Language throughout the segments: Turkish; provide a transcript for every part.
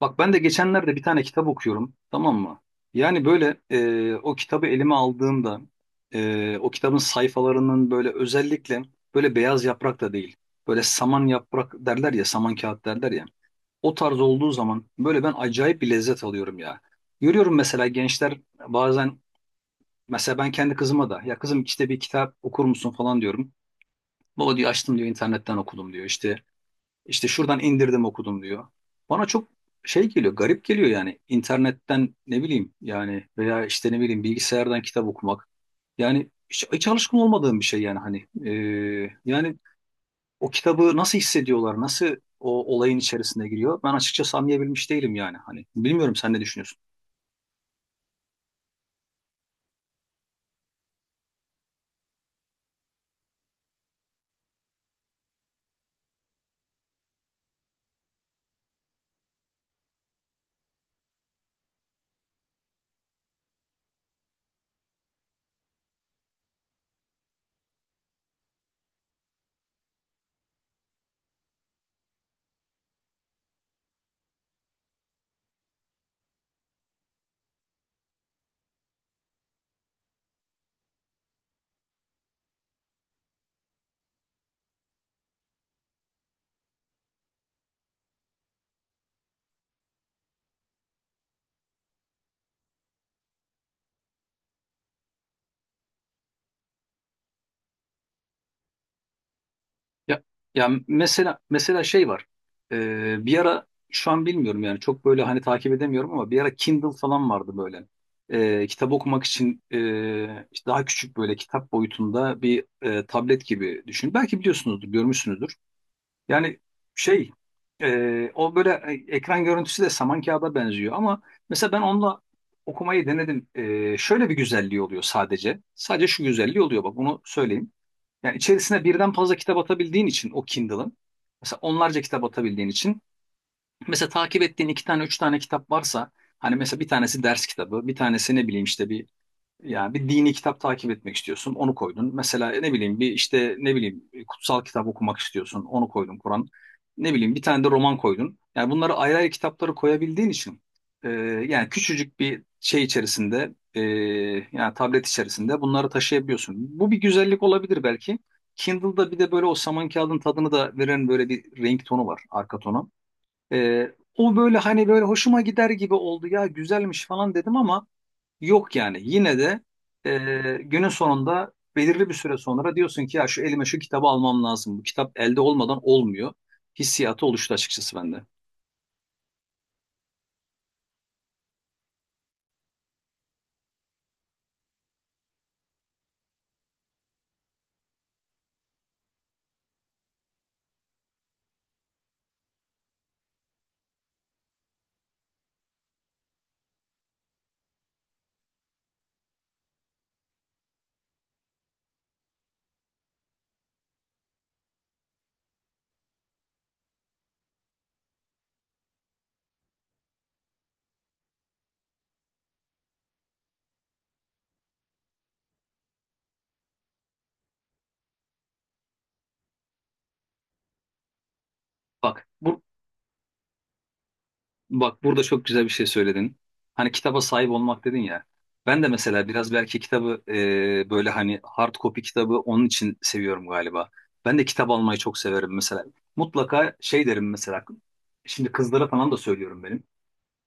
Bak ben de geçenlerde bir tane kitap okuyorum, tamam mı? Yani böyle o kitabı elime aldığımda o kitabın sayfalarının böyle özellikle böyle beyaz yaprak da değil. Böyle saman yaprak derler ya, saman kağıt derler ya. O tarz olduğu zaman böyle ben acayip bir lezzet alıyorum ya. Görüyorum mesela gençler bazen, mesela ben kendi kızıma da ya kızım işte bir kitap okur musun falan diyorum. Baba diyor, açtım diyor, internetten okudum diyor işte. İşte şuradan indirdim okudum diyor. Bana çok şey geliyor, garip geliyor yani. İnternetten ne bileyim yani, veya işte ne bileyim bilgisayardan kitap okumak. Yani hiç alışkın olmadığım bir şey yani hani. Yani o kitabı nasıl hissediyorlar, nasıl o olayın içerisine giriyor? Ben açıkçası anlayabilmiş değilim yani hani. Bilmiyorum sen ne düşünüyorsun? Ya, ya, mesela şey var. Bir ara şu an bilmiyorum yani çok böyle hani takip edemiyorum, ama bir ara Kindle falan vardı böyle. Kitap okumak için işte daha küçük böyle kitap boyutunda bir tablet gibi düşün. Belki biliyorsunuzdur, görmüşsünüzdür. Yani şey, o böyle ekran görüntüsü de saman kağıda benziyor ama mesela ben onunla okumayı denedim. Şöyle bir güzelliği oluyor sadece. Sadece şu güzelliği oluyor bak bunu söyleyeyim. Yani içerisine birden fazla kitap atabildiğin için o Kindle'ın, mesela onlarca kitap atabildiğin için, mesela takip ettiğin iki tane üç tane kitap varsa, hani mesela bir tanesi ders kitabı bir tanesi ne bileyim işte bir, yani bir dini kitap takip etmek istiyorsun, onu koydun. Mesela ne bileyim bir işte ne bileyim kutsal kitap okumak istiyorsun, onu koydun Kur'an. Ne bileyim bir tane de roman koydun. Yani bunları ayrı ayrı kitapları koyabildiğin için, e, yani küçücük bir şey içerisinde, yani tablet içerisinde bunları taşıyabiliyorsun. Bu bir güzellik olabilir belki. Kindle'da bir de böyle o saman kağıdın tadını da veren böyle bir renk tonu var, arka tonu. E, O böyle hani böyle hoşuma gider gibi oldu, ya güzelmiş falan dedim ama yok, yani yine de günün sonunda belirli bir süre sonra diyorsun ki ya şu elime şu kitabı almam lazım. Bu kitap elde olmadan olmuyor. Hissiyatı oluştu açıkçası bende. Bak bu bak burada çok güzel bir şey söyledin. Hani kitaba sahip olmak dedin ya. Ben de mesela biraz belki kitabı böyle hani hard copy kitabı onun için seviyorum galiba. Ben de kitap almayı çok severim mesela. Mutlaka şey derim mesela. Şimdi kızlara falan da söylüyorum benim.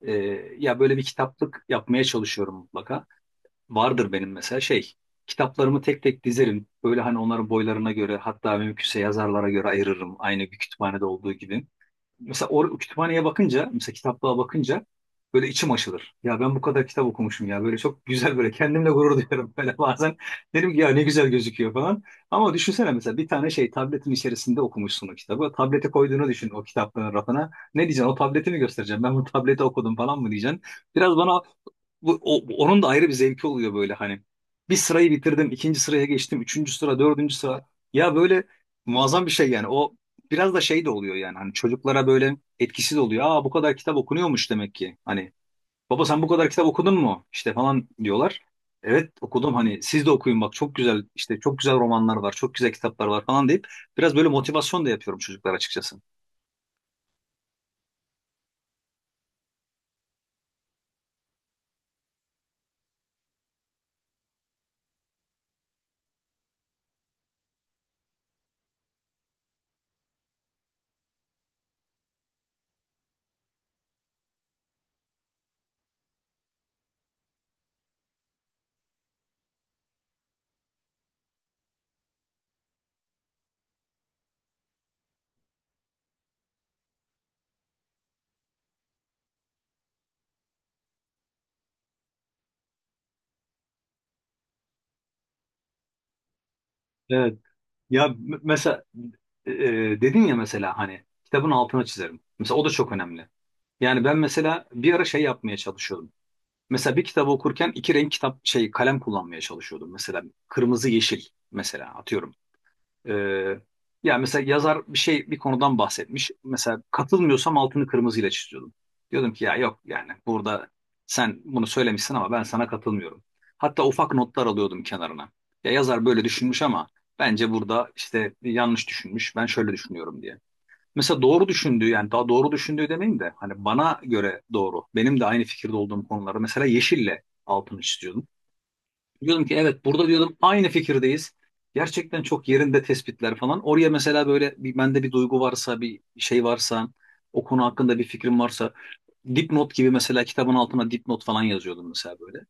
E, Ya böyle bir kitaplık yapmaya çalışıyorum mutlaka. Vardır benim mesela şey. Kitaplarımı tek tek dizerim. Böyle hani onların boylarına göre, hatta mümkünse yazarlara göre ayırırım. Aynı bir kütüphanede olduğu gibi, mesela or kütüphaneye bakınca, mesela kitaplığa bakınca böyle içim açılır. Ya ben bu kadar kitap okumuşum ya. Böyle çok güzel, böyle kendimle gurur duyuyorum böyle bazen. Dedim ki ya ne güzel gözüküyor falan. Ama düşünsene, mesela bir tane şey tabletin içerisinde okumuşsun o kitabı. Tablete koyduğunu düşün o kitaplığın rafına. Ne diyeceksin? O tableti mi göstereceğim? Ben bu tableti okudum falan mı diyeceksin? Biraz bana onun da ayrı bir zevki oluyor böyle hani. Bir sırayı bitirdim, ikinci sıraya geçtim, üçüncü sıra, dördüncü sıra. Ya böyle muazzam bir şey yani. O biraz da şey de oluyor yani hani çocuklara böyle etkisiz oluyor. Aa bu kadar kitap okunuyormuş demek ki. Hani baba sen bu kadar kitap okudun mu? İşte falan diyorlar. Evet okudum, hani siz de okuyun bak, çok güzel işte çok güzel romanlar var, çok güzel kitaplar var falan deyip biraz böyle motivasyon da yapıyorum çocuklar açıkçası. Evet, ya mesela e, dedin ya mesela hani kitabın altına çizerim. Mesela o da çok önemli. Yani ben mesela bir ara şey yapmaya çalışıyordum. Mesela bir kitabı okurken iki renk kitap şey kalem kullanmaya çalışıyordum. Mesela kırmızı, yeşil mesela, atıyorum. Ee, Ya mesela yazar bir şey bir konudan bahsetmiş. Mesela katılmıyorsam altını kırmızıyla çiziyordum. Diyordum ki ya yok yani burada sen bunu söylemişsin ama ben sana katılmıyorum. Hatta ufak notlar alıyordum kenarına. Ya yazar böyle düşünmüş ama bence burada işte yanlış düşünmüş. Ben şöyle düşünüyorum diye. Mesela doğru düşündüğü, yani daha doğru düşündüğü demeyeyim de hani bana göre doğru, benim de aynı fikirde olduğum konuları mesela yeşille altını çiziyordum. Diyordum ki evet, burada diyordum aynı fikirdeyiz. Gerçekten çok yerinde tespitler falan. Oraya mesela böyle bir, bende bir duygu varsa, bir şey varsa, o konu hakkında bir fikrim varsa, dipnot gibi mesela kitabın altına dipnot falan yazıyordum mesela böyle.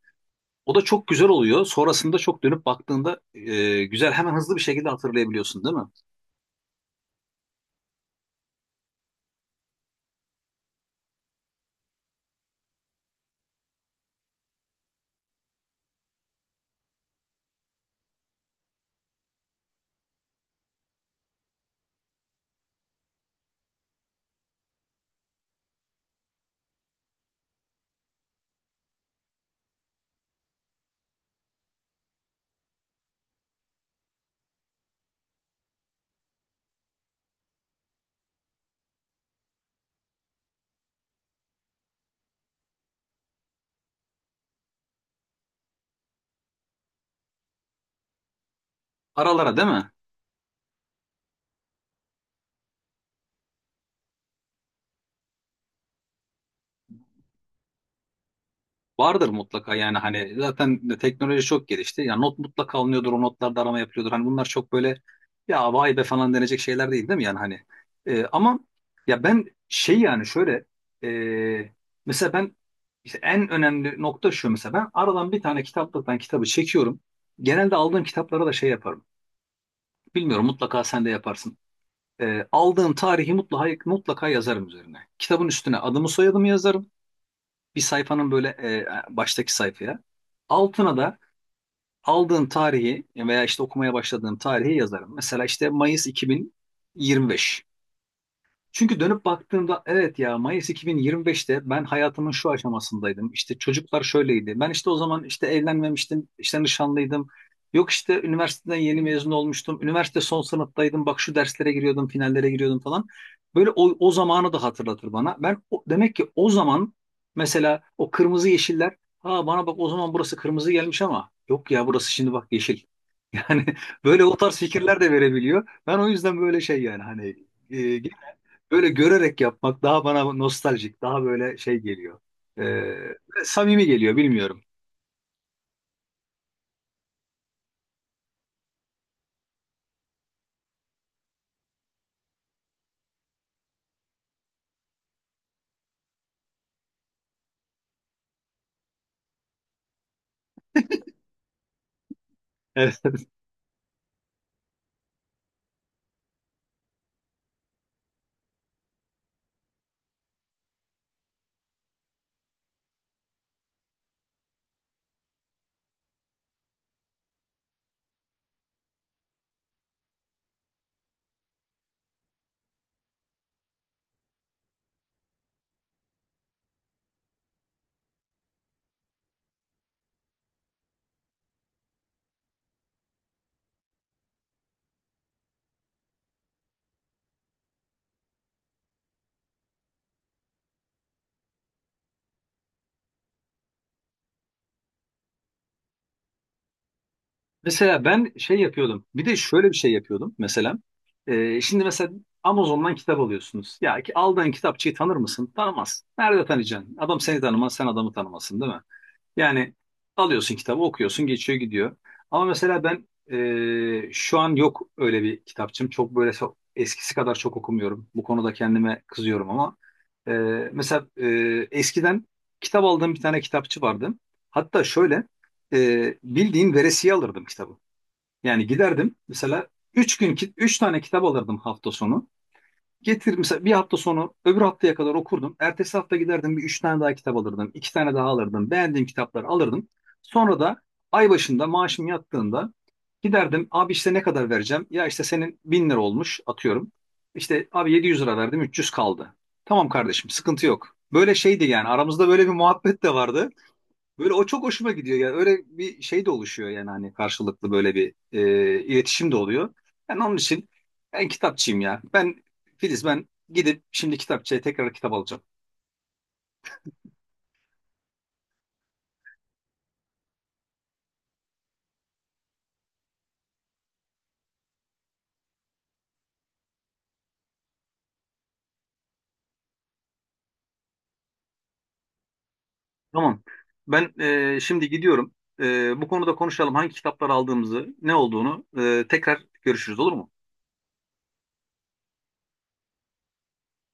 O da çok güzel oluyor. Sonrasında çok dönüp baktığında güzel hemen hızlı bir şekilde hatırlayabiliyorsun değil mi? Aralara değil mi? Vardır mutlaka, yani hani zaten de teknoloji çok gelişti. Ya not mutlaka alınıyordur, o notlarda arama yapılıyordur. Hani bunlar çok böyle ya vay be falan denecek şeyler değil, değil mi yani hani. Ama ya ben şey yani şöyle, e, mesela ben işte en önemli nokta şu: mesela ben aradan bir tane kitaplıktan kitabı çekiyorum. Genelde aldığım kitaplara da şey yaparım. Bilmiyorum, mutlaka sen de yaparsın. Aldığım tarihi mutlaka yazarım üzerine. Kitabın üstüne adımı soyadımı yazarım. Bir sayfanın böyle baştaki sayfaya. Altına da aldığın tarihi veya işte okumaya başladığım tarihi yazarım. Mesela işte Mayıs 2025. Çünkü dönüp baktığımda evet, ya Mayıs 2025'te ben hayatımın şu aşamasındaydım. İşte çocuklar şöyleydi. Ben işte o zaman işte evlenmemiştim, işte nişanlıydım. Yok işte üniversiteden yeni mezun olmuştum. Üniversite son sınıftaydım. Bak şu derslere giriyordum, finallere giriyordum falan. Böyle o zamanı da hatırlatır bana. Demek ki o zaman mesela o kırmızı yeşiller, ha bana bak o zaman burası kırmızı gelmiş ama yok ya burası şimdi bak yeşil. Yani böyle o tarz fikirler de verebiliyor. Ben o yüzden böyle şey, yani hani e, böyle görerek yapmak daha bana nostaljik, daha böyle şey geliyor. Ee, Samimi geliyor, bilmiyorum. Evet. Mesela ben şey yapıyordum. Bir de şöyle bir şey yapıyordum mesela. Şimdi mesela Amazon'dan kitap alıyorsunuz. Ya ki aldığın kitapçıyı tanır mısın? Tanımaz. Nerede tanıyacaksın? Adam seni tanımaz, sen adamı tanımasın, değil mi? Yani alıyorsun kitabı, okuyorsun, geçiyor gidiyor. Ama mesela ben şu an yok öyle bir kitapçım. Çok böyle eskisi kadar çok okumuyorum. Bu konuda kendime kızıyorum ama, e, mesela e, eskiden kitap aldığım bir tane kitapçı vardı. Hatta şöyle, bildiğin veresiye alırdım kitabı. Yani giderdim mesela üç tane kitap alırdım hafta sonu. Getir mesela, bir hafta sonu öbür haftaya kadar okurdum. Ertesi hafta giderdim bir üç tane daha kitap alırdım. İki tane daha alırdım. Beğendiğim kitapları alırdım. Sonra da ay başında maaşım yattığında giderdim. Abi işte ne kadar vereceğim? Ya işte senin bin lira olmuş atıyorum. İşte abi 700 lira verdim, 300 kaldı. Tamam kardeşim, sıkıntı yok. Böyle şeydi yani, aramızda böyle bir muhabbet de vardı. Böyle o çok hoşuma gidiyor yani, öyle bir şey de oluşuyor yani hani, karşılıklı böyle bir iletişim de oluyor. Yani onun için ben kitapçıyım ya. Ben Filiz, ben gidip şimdi kitapçıya tekrar kitap alacağım. Tamam. Ben Şimdi gidiyorum. Bu konuda konuşalım, hangi kitaplar aldığımızı, ne olduğunu, tekrar görüşürüz, olur mu?